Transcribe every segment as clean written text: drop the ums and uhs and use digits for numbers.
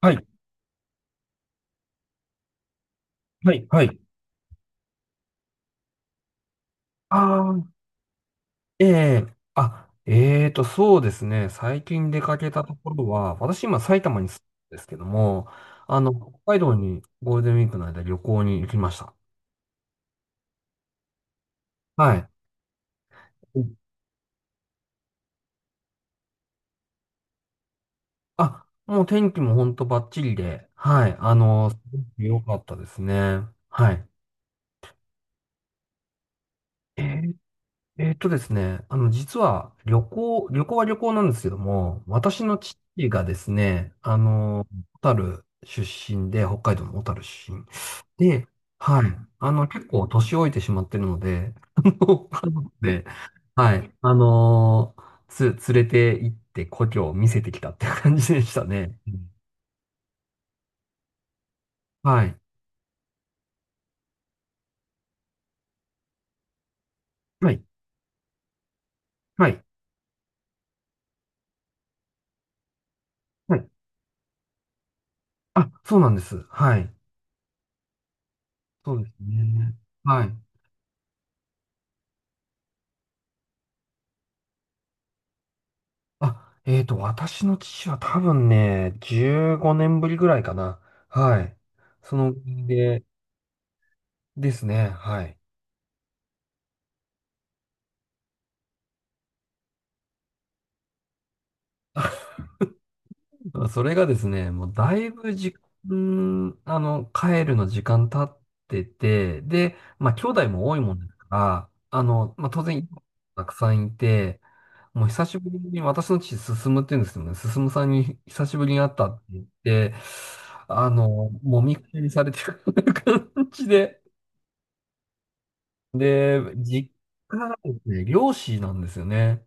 はい、はい、はい。ああ、ええ。あ、そうですね。最近出かけたところは、私今埼玉に住んでるんですけども、あの、北海道にゴールデンウィークの間旅行に行きました。はい。うん。あ、もう天気も本当バッチリで、はい。すごく良かったですね。はい。えーですね、実は旅行は旅行なんですけども、私の父がですね、小樽出身で、北海道の小樽出身で、はい、結構年老いてしまってるので、家族で、はい、つ、連れて行って故郷を見せてきたっていう感じでしたね。うん。はい、はい、はい、はい。あ、そうなんです。はい、そうですね。はい。あ、私の父は多分ね、15年ぶりぐらいかな。はい。その、で、ですね。はい。それがですね、もうだいぶ時間、帰るの時間経ってて、で、まあ、兄弟も多いもんですから、まあ、当然、たくさんいて、もう久しぶりに私の父、進むって言うんですけどね、進さんに久しぶりに会ったって言って、あの、もみくちゃにされてる 感じで、で、実家がですね、漁師なんですよね。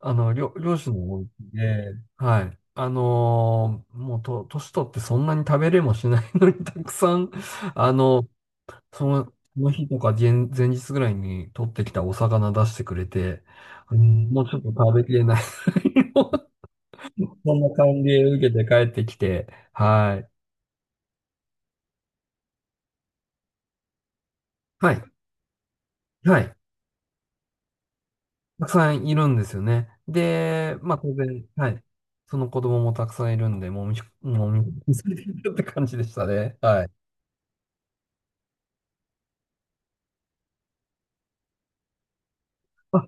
漁師のお家で、はい。もうと、年取ってそんなに食べれもしないのに、たくさん、あの、その、その日とか前日ぐらいに取ってきたお魚出してくれて、うん。もうちょっと食べきれない。そんな感じで受けて帰ってきて、はい。はい。はい。たくさんいるんですよね。で、まあ当然、はい。その子供もたくさんいるんで、もみ、もみ、されてる って感じでしたね。はい。あ、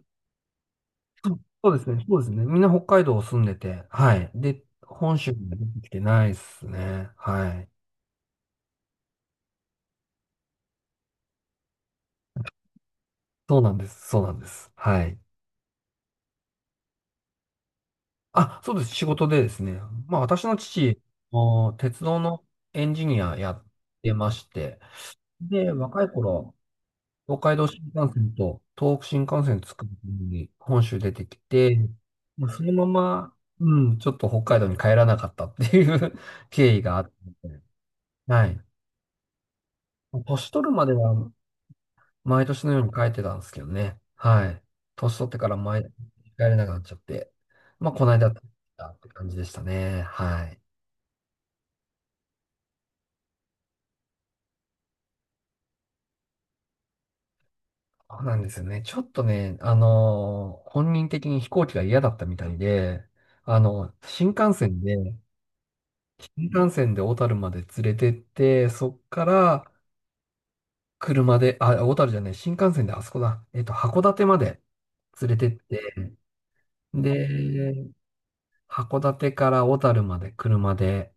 そうそうですね。そうですね。みんな北海道住んでて、はい。で、本州には出てきてないですね。はい。そうなんです。そうなんです。はい。あ、そうです。仕事でですね。まあ私の父、もう鉄道のエンジニアやってまして、で、若い頃、東海道新幹線と東北新幹線作るのに本州出てきて、まあそのまま、うん、ちょっと北海道に帰らなかったっていう 経緯があって、はい。年取るまでは毎年のように帰ってたんですけどね。はい。年取ってから毎帰れなくなっちゃって、まあ、この間帰ったって感じでしたね。はい。そうなんですよね。ちょっとね、本人的に飛行機が嫌だったみたいで、あの、新幹線で新幹線で小樽まで連れてって、そっから車で、あ、小樽じゃない、新幹線であそこだ。函館まで連れてって、で、函館から小樽まで車で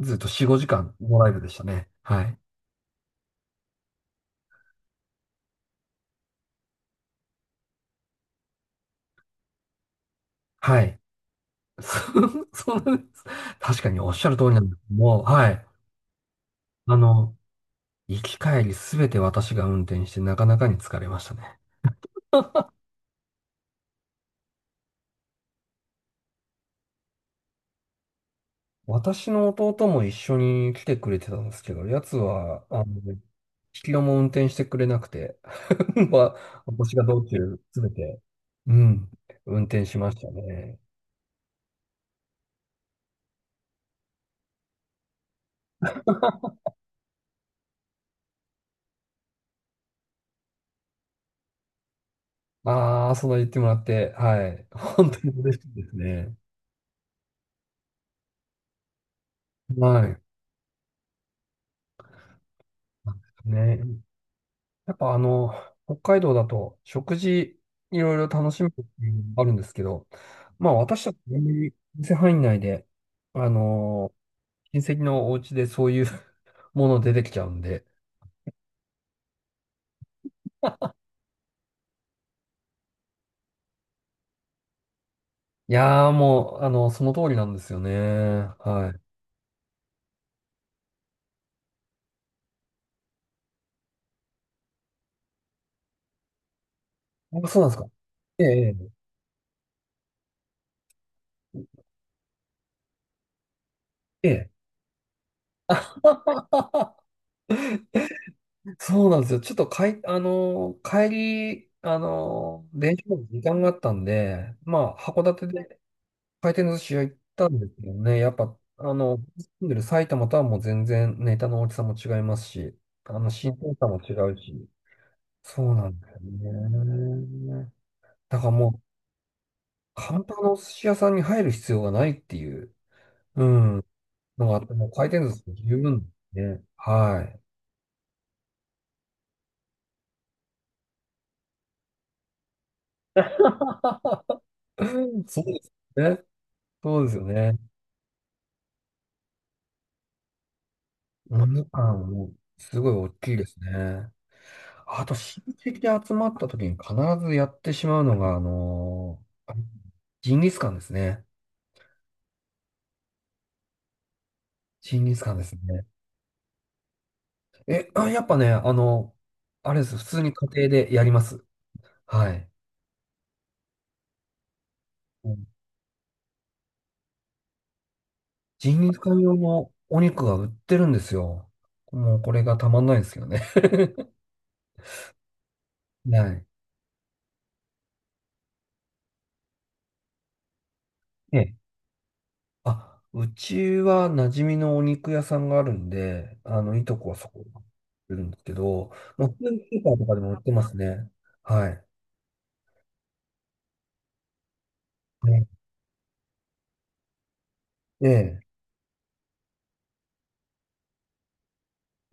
ずっと4、5時間ドライブでしたね。はい。はい。そうなんです。確かにおっしゃる通りなんですけども、はい。あの、行き帰りすべて私が運転してなかなかに疲れましたね。私の弟も一緒に来てくれてたんですけど、やつは、引き戸も運転してくれなくて、ま私が道中詰めて、うん、運転しましたね。ああ、その言ってもらって、はい。本当に嬉しいですね。はい。ね。やっぱ北海道だと食事いろいろ楽しむっていうのもあるんですけど、まあ私たちあん店範囲内で、あの親戚のお家でそういう もの出てきちゃうんで。いやーもう、その通りなんですよね。はい。あ、そうなんですか。ええ、ええ。ええ そうなんですよ。ちょっとかい、帰り、電車の時間があったんで、まあ、函館で回転寿司屋行ったんですけどね、やっぱ、住んでる埼玉とはもう全然ネタの大きさも違いますし、新鮮さも違うし、そうなんですよね。だからもう、簡単なお寿司屋さんに入る必要がないっていう、うん、のがあって、もう回転寿司で十分ね。はい。そうですね。そうですよね。お値段もすごい大きいですね。あと、親戚で集まった時に必ずやってしまうのが、ージンギスカンですね。ジンギスカンですね。え、あ、やっぱね、あれです。普通に家庭でやります。はい。ジンギスカン用のお肉が売ってるんですよ。もうこれがたまんないですよね。はい。ええ。あ、うちは馴染みのお肉屋さんがあるんで、いとこはそこに売るんですけど、もう普通にスーパーとかでも売ってますね。はい。ねええ。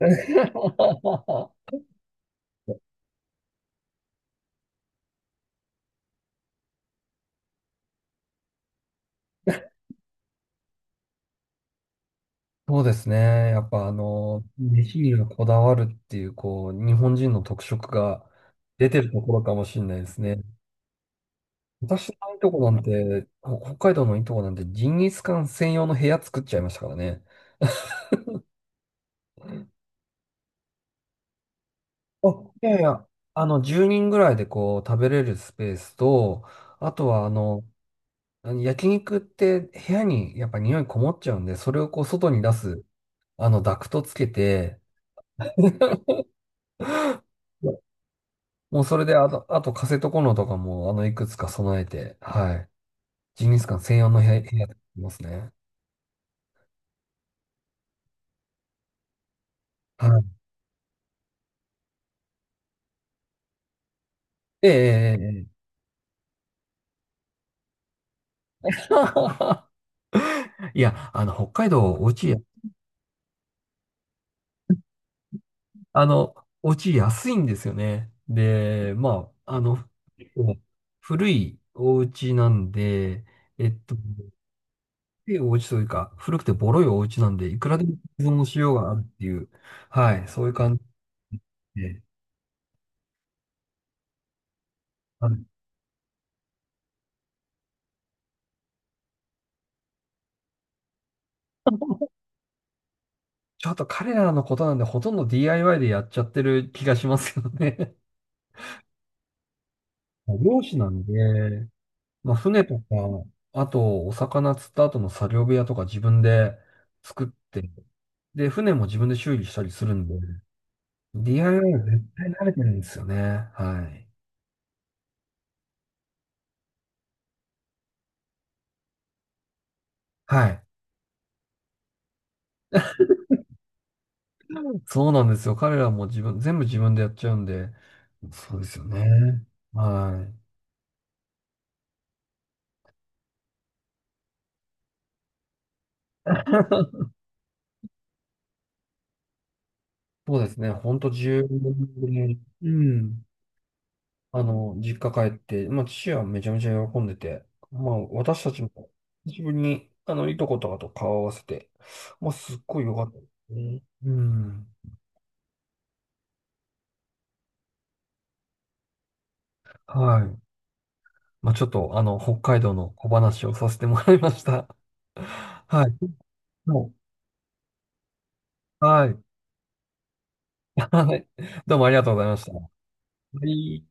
そうですね。やっぱ飯にはこだわるっていう、こう、日本人の特色が出てるところかもしれないですね。私のいいとこなんて、北海道のいいとこなんて、ジンギスカン専用の部屋作っちゃいましたからね。あ、いやいや、10人ぐらいでこう、食べれるスペースと、あとはあの焼肉って部屋にやっぱ匂いこもっちゃうんで、それをこう、外に出す、ダクトつけて、もうそれで、あとカセットコンロとかも、いくつか備えて、はい。ジンギスカン専用の部屋作りますね。はい。ええええええ いや、北海道、あの、お家安いんですよね。で、まあ、結構古いお家なんで、えっと、古いお家というか、古くてボロいお家なんで、いくらでも依存しようがあるっていう、はい、そういう感じで、あの ちょっと彼らのことなんで、ほとんど DIY でやっちゃってる気がしますよね。漁師なんで、まあ、船とか、あと、お魚釣った後の作業部屋とか自分で作って、で、船も自分で修理したりするんで、DIY は絶対慣れてるんですよね。はい。はい。そうなんですよ。彼らも全部自分でやっちゃうんで、そうですよね。はい。そうですね。ほんと10年ぶりに、うん。実家帰って、まあ、父はめちゃめちゃ喜んでて、まあ、私たちも、久しぶりに、いとことかと顔を合わせて、まあ、すっごい良かったですね。うん。はい。まあ、ちょっと、北海道の小話をさせてもらいました。はい。もうはい。はい。どうもありがとうございました。はい。